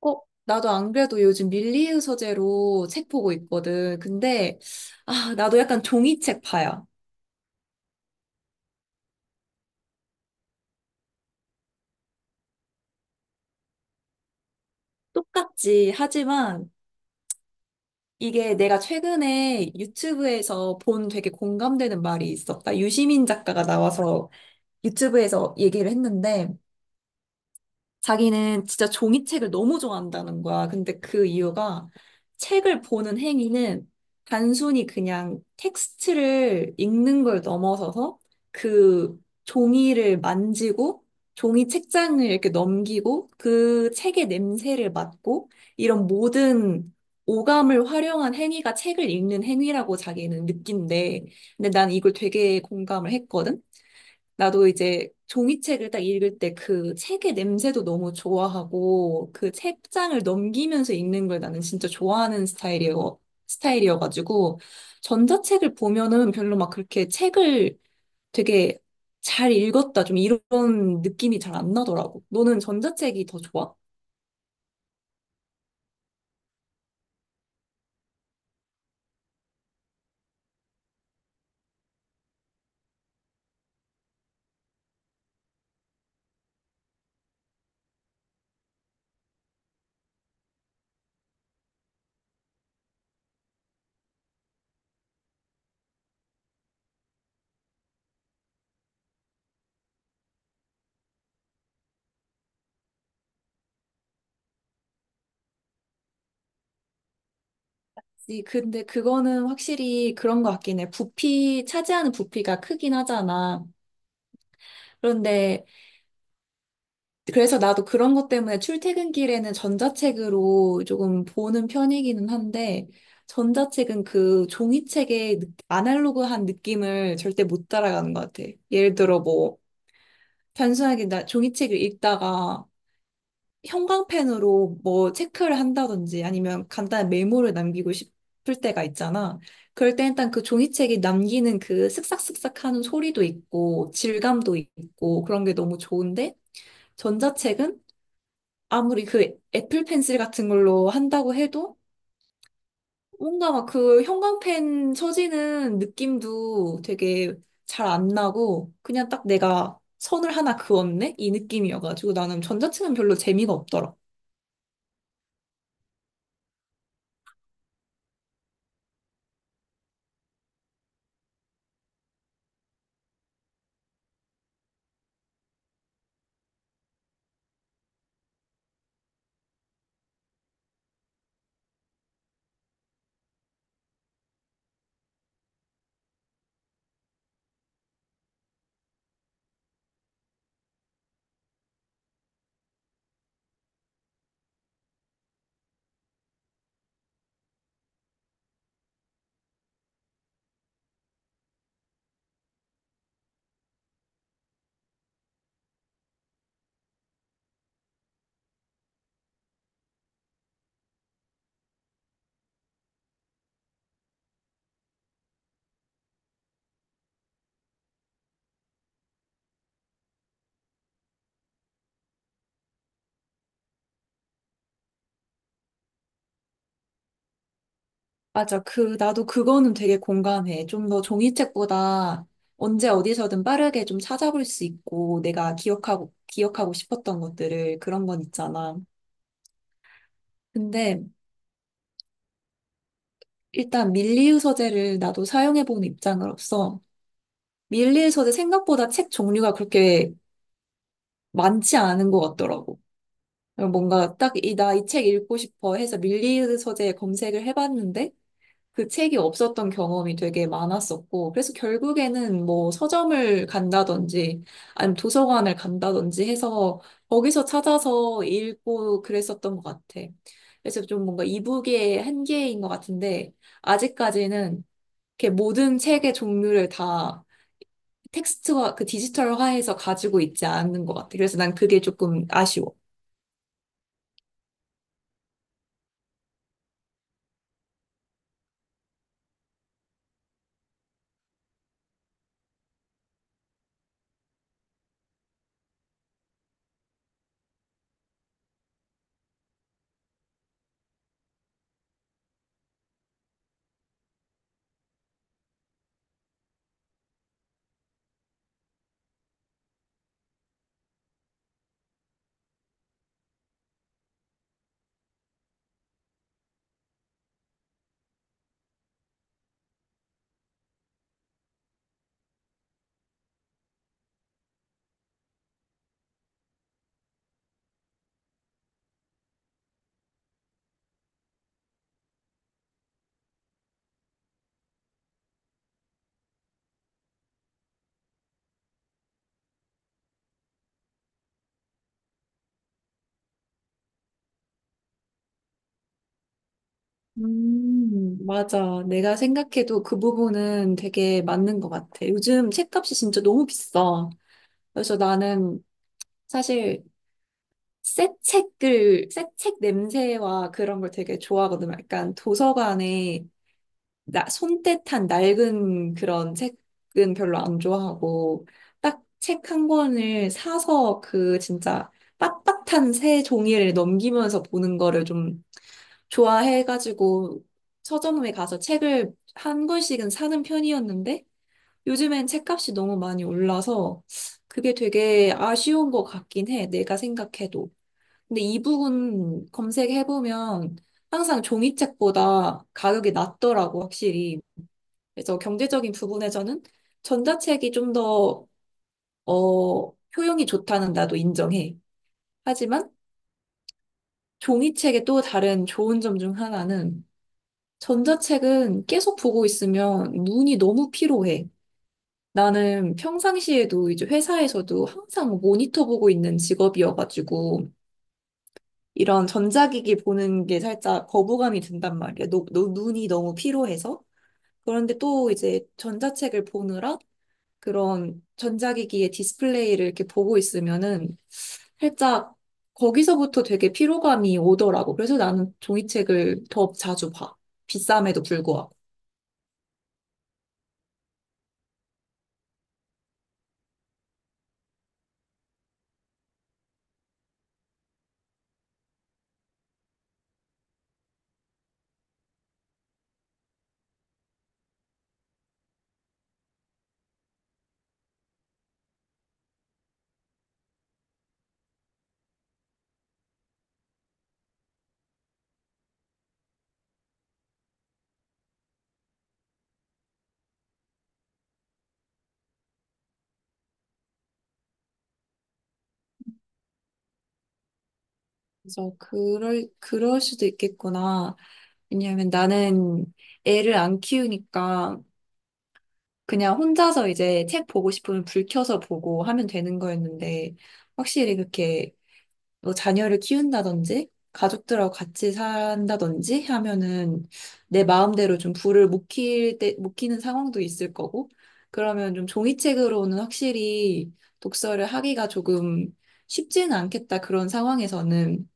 어, 나도 안 그래도 요즘 밀리의 서재로 책 보고 있거든. 아, 나도 약간 종이책 파야. 똑같지. 하지만 이게 내가 최근에 유튜브에서 본 되게 공감되는 말이 있었다. 유시민 작가가 나와서 유튜브에서 얘기를 했는데, 자기는 진짜 종이책을 너무 좋아한다는 거야. 근데 그 이유가 책을 보는 행위는 단순히 그냥 텍스트를 읽는 걸 넘어서서 그 종이를 만지고 종이 책장을 이렇게 넘기고 그 책의 냄새를 맡고 이런 모든 오감을 활용한 행위가 책을 읽는 행위라고 자기는 느낀대. 근데 난 이걸 되게 공감을 했거든. 나도 이제 종이책을 딱 읽을 때 그 책의 냄새도 너무 좋아하고 그 책장을 넘기면서 읽는 걸 나는 진짜 좋아하는 스타일이어가지고 전자책을 보면은 별로 막 그렇게 책을 되게 잘 읽었다 좀 이런 느낌이 잘 안 나더라고. 너는 전자책이 더 좋아? 근데 그거는 확실히 그런 것 같긴 해. 부피, 차지하는 부피가 크긴 하잖아. 그런데 그래서 나도 그런 것 때문에 출퇴근길에는 전자책으로 조금 보는 편이기는 한데, 전자책은 그 종이책의 아날로그한 느낌을 절대 못 따라가는 것 같아. 예를 들어 뭐, 단순하게 나 종이책을 읽다가 형광펜으로 뭐 체크를 한다든지 아니면 간단한 메모를 남기고 싶을 때가 있잖아. 그럴 때 일단 그 종이책이 남기는 그 슥싹슥싹 하는 소리도 있고, 질감도 있고, 그런 게 너무 좋은데, 전자책은 아무리 그 애플 펜슬 같은 걸로 한다고 해도 뭔가 막 그 형광펜 처지는 느낌도 되게 잘 안 나고 그냥 딱 내가 선을 하나 그었네? 이 느낌이어가지고 나는 전자책은 별로 재미가 없더라. 맞아. 그, 나도 그거는 되게 공감해. 좀 더 종이책보다 언제 어디서든 빠르게 좀 찾아볼 수 있고 내가 기억하고 싶었던 것들을 그런 건 있잖아. 근데 일단 밀리우 서재를 나도 사용해본 입장으로서 밀리의 서재 생각보다 책 종류가 그렇게 많지 않은 것 같더라고. 뭔가 딱 나 이 책 읽고 싶어 해서 밀리의 서재 검색을 해봤는데 그 책이 없었던 경험이 되게 많았었고, 그래서 결국에는 뭐 서점을 간다든지 아니면 도서관을 간다든지 해서 거기서 찾아서 읽고 그랬었던 것 같아. 그래서 좀 뭔가 이북의 한계인 것 같은데 아직까지는 이렇게 모든 책의 종류를 다 텍스트화, 그 디지털화해서 가지고 있지 않는 것 같아. 그래서 난 그게 조금 아쉬워. 맞아. 내가 생각해도 그 부분은 되게 맞는 것 같아. 요즘 책값이 진짜 너무 비싸. 그래서 나는 사실 새 책 냄새와 그런 걸 되게 좋아하거든. 약간 도서관에 나 손때탄 낡은 그런 책은 별로 안 좋아하고 딱 책 한 권을 사서 그 진짜 빳빳한 새 종이를 넘기면서 보는 거를 좀 좋아해가지고 서점에 가서 책을 한 권씩은 사는 편이었는데 요즘엔 책값이 너무 많이 올라서 그게 되게 아쉬운 것 같긴 해. 내가 생각해도. 근데 이 부분 검색해보면 항상 종이책보다 가격이 낮더라고, 확실히. 그래서 경제적인 부분에서는 전자책이 좀 더, 어, 효용이 좋다는 나도 인정해. 하지만 종이책의 또 다른 좋은 점 중 하나는 전자책은 계속 보고 있으면 눈이 너무 피로해. 나는 평상시에도 이제 회사에서도 항상 모니터 보고 있는 직업이어가지고 이런 전자기기 보는 게 살짝 거부감이 든단 말이야. 눈이 너무 피로해서. 그런데 또 이제 전자책을 보느라 그런 전자기기의 디스플레이를 이렇게 보고 있으면은 살짝 거기서부터 되게 피로감이 오더라고. 그래서 나는 종이책을 더 자주 봐. 비쌈에도 불구하고. 그럴 수도 있겠구나. 왜냐하면 나는 애를 안 키우니까 그냥 혼자서 이제 책 보고 싶으면 불 켜서 보고 하면 되는 거였는데 확실히 그렇게 뭐 자녀를 키운다든지 가족들하고 같이 산다든지 하면은 내 마음대로 좀 불을 못 킬 때, 못 키는 상황도 있을 거고 그러면 좀 종이책으로는 확실히 독서를 하기가 조금 쉽지는 않겠다 그런 상황에서는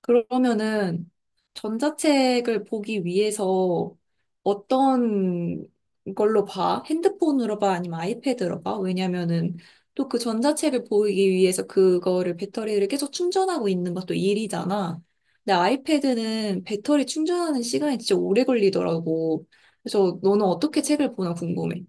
그러면은 전자책을 보기 위해서 어떤 걸로 봐? 핸드폰으로 봐? 아니면 아이패드로 봐? 왜냐면은 또 그 전자책을 보기 위해서 그거를 배터리를 계속 충전하고 있는 것도 일이잖아. 근데 아이패드는 배터리 충전하는 시간이 진짜 오래 걸리더라고. 그래서 너는 어떻게 책을 보나 궁금해.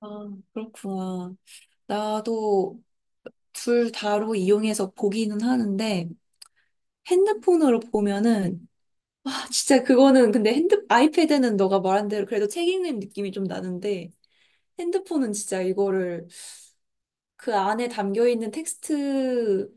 아, 그렇구나. 나도 둘 다로 이용해서 보기는 하는데 핸드폰으로 보면은 아, 진짜 그거는 근데 핸드 아이패드는 너가 말한 대로 그래도 책 읽는 느낌이 좀 나는데 핸드폰은 진짜 이거를 그 안에 담겨 있는 텍스트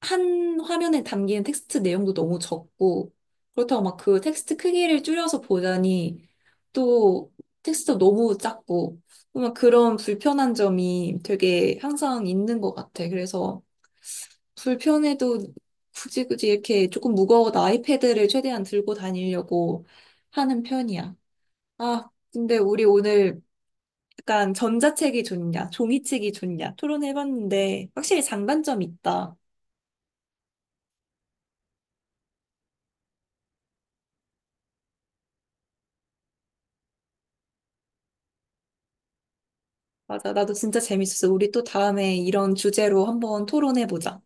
한 화면에 담기는 텍스트 내용도 너무 적고 그렇다고 막 그 텍스트 크기를 줄여서 보자니 또 텍스트 너무 작고 막 그런 불편한 점이 되게 항상 있는 것 같아. 그래서 불편해도 굳이 이렇게 조금 무거운 아이패드를 최대한 들고 다니려고 하는 편이야. 아, 근데 우리 오늘 약간 전자책이 좋냐, 종이책이 좋냐 토론해봤는데 확실히 장단점이 있다. 맞아, 나도 진짜 재밌었어. 우리 또 다음에 이런 주제로 한번 토론해보자.